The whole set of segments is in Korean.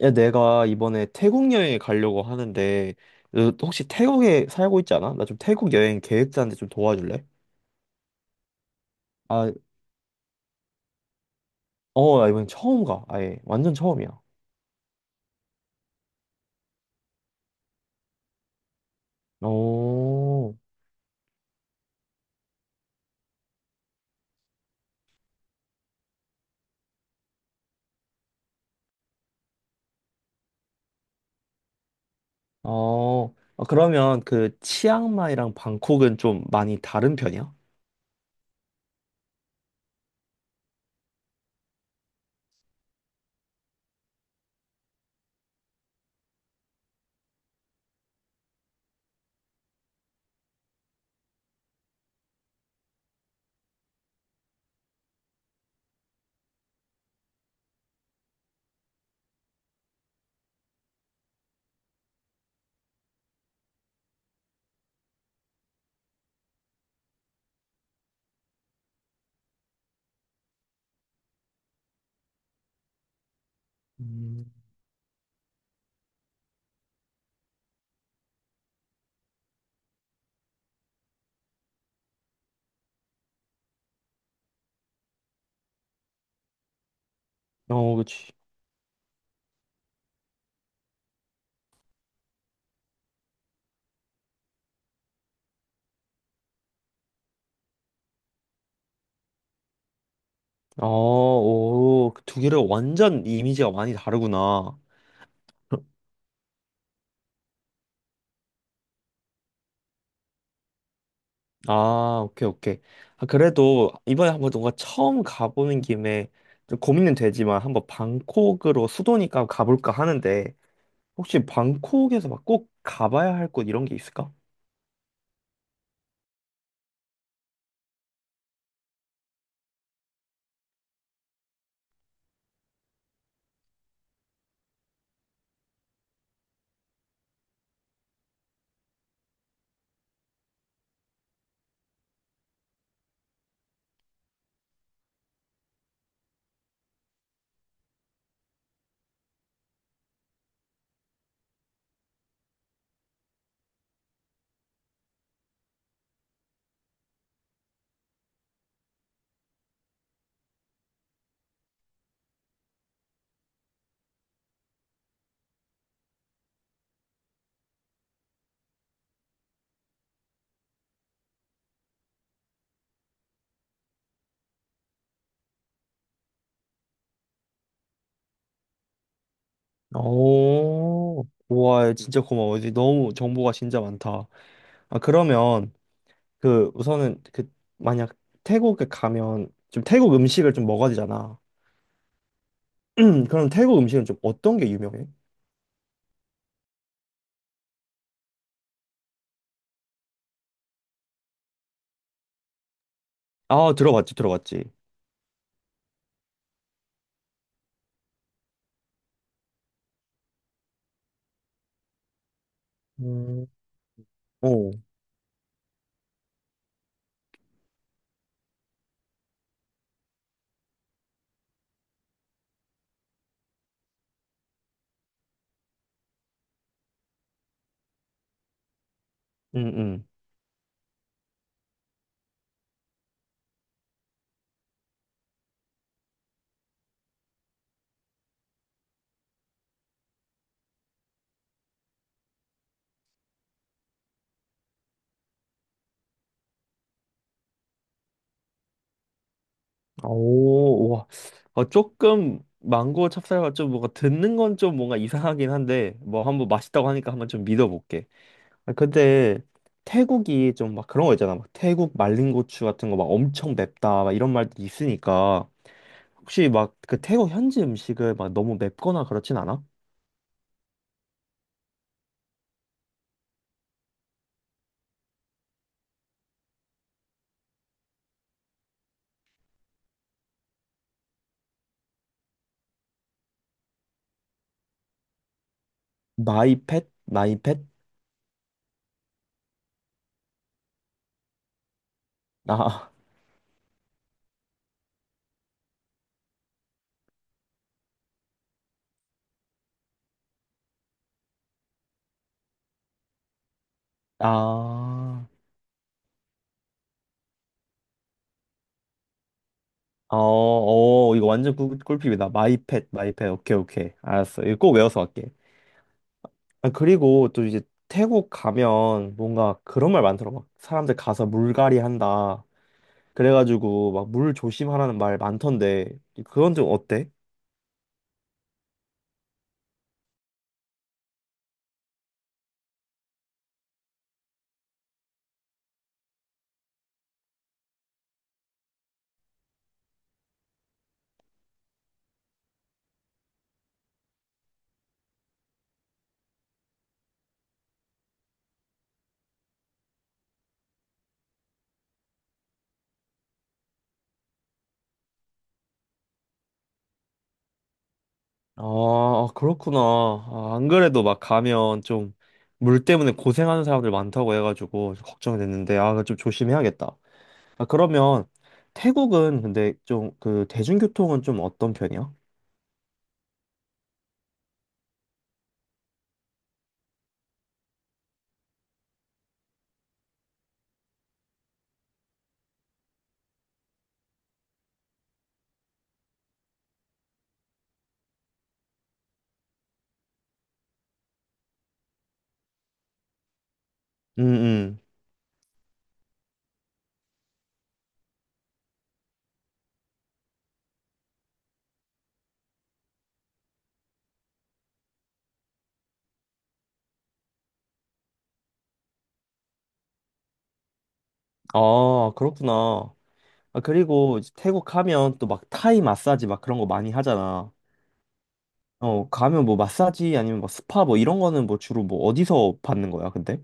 야, 내가 이번에 태국 여행에 가려고 하는데, 너 혹시 태국에 살고 있지 않아? 나 좀 태국 여행 계획 짜는데 좀 도와줄래? 아, 나 이번엔 처음 가. 아예, 완전 처음이야. 오, 어, 아, 그러면 그 치앙마이랑 방콕은 좀 많이 다른 편이야? 음. 어, 그치. 어, 오, 그두 개를 완전 이미지가 많이 다르구나. 아, 오케이, 오케이. 아, 그래도 이번에 한번 뭔가 처음 가보는 김에 좀 고민은 되지만 한번 방콕으로 수도니까 가볼까 하는데 혹시 방콕에서 막 꼭 가봐야 할 곳 이런 게 있을까? 오, 우와, 진짜 고마워. 이제 너무 정보가 진짜 많다. 아, 그러면 그 우선은 그 만약 태국에 가면 좀 태국 음식을 좀 먹어야 되잖아. 그럼 태국 음식은 좀 어떤 게 유명해? 아, 들어봤지, 들어봤지. 음, 오 응, 응. 아, 오, 와. 어, 조금 망고 찹쌀과 좀 뭔가 듣는 건 좀 뭔가 이상하긴 한데 뭐 한번 맛있다고 하니까 한번 좀 믿어볼게. 아, 근데 태국이 좀 막 그런 거 있잖아. 막 태국 말린 고추 같은 거 막 엄청 맵다 막 이런 말들이 있으니까 혹시 막 그 태국 현지 음식을 막 너무 맵거나 그렇진 않아? 마이펫? 마이펫? 아, 아, 어, 어, 이거 완전 꿀팁이다. 마이펫, 마이펫. 오케이, 오케이. 알았어. 이거 꼭 외워서 갈게. 아, 그리고 또 이제 태국 가면 뭔가 그런 말 많더라. 막 사람들 가서 물갈이 한다. 그래가지고 막 물 조심하라는 말 많던데 그건 좀 어때? 아, 아, 그렇구나. 아, 안 그래도 막 가면 좀 물 때문에 고생하는 사람들 많다고 해가지고 좀 걱정이 됐는데 아, 그거 좀 조심해야겠다. 아, 그러면 태국은 근데 좀 그 대중교통은 좀 어떤 편이야? 음, 음. 아, 그렇구나. 아, 그리고 이제 태국 가면 또 막 타이 마사지 막 그런 거 많이 하잖아. 어, 가면 뭐 마사지 아니면 막 스파 뭐 이런 거는 뭐 주로 뭐 어디서 받는 거야, 근데?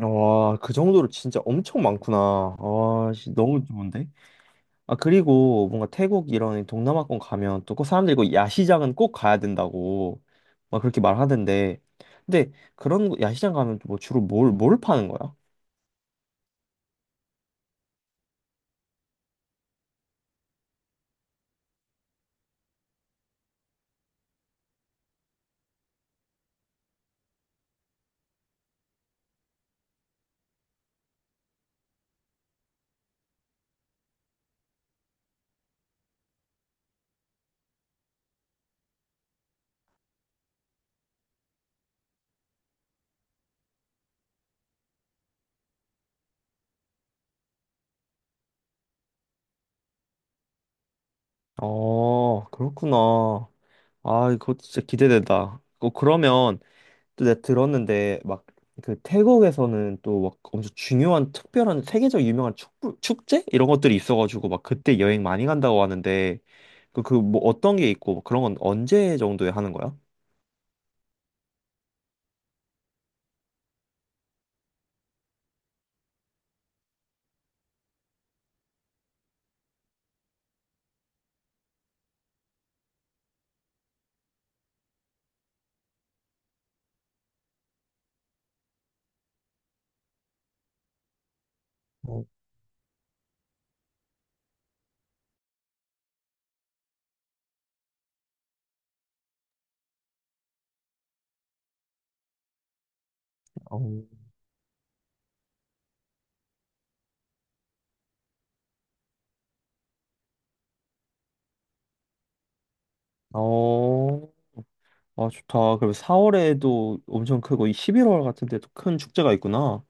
와, 그 정도로 진짜 엄청 많구나. 와, 씨, 너무 좋은데? 아, 그리고 뭔가 태국 이런 동남아권 가면 또 꼭 사람들이 그 야시장은 꼭 가야 된다고 막 그렇게 말하던데. 근데 그런 야시장 가면 뭐 주로 뭘 파는 거야? 어, 그렇구나. 아, 그거 진짜 기대된다. 어, 그러면 또 내가 들었는데 막 그 태국에서는 또 막 엄청 중요한 특별한 세계적 유명한 축제 이런 것들이 있어가지고 막 그때 여행 많이 간다고 하는데 뭐 어떤 게 있고 뭐 그런 건 언제 정도에 하는 거야? 어, 어, 어, 아, 좋다. 그럼 4월에도 엄청 크고, 이 11월 같은 데도 큰 축제가 있구나.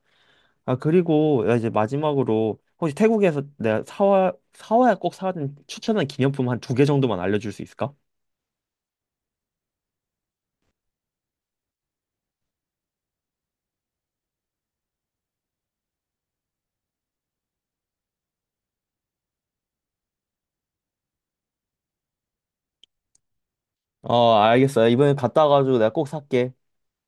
아, 그리고 나 이제 마지막으로, 혹시 태국에서 내가 사와야 꼭 사야 되는 추천한 기념품 한 두 개 정도만 알려줄 수 있을까? 어, 알겠어. 야, 이번에 갔다 와가지고 내가 꼭 살게.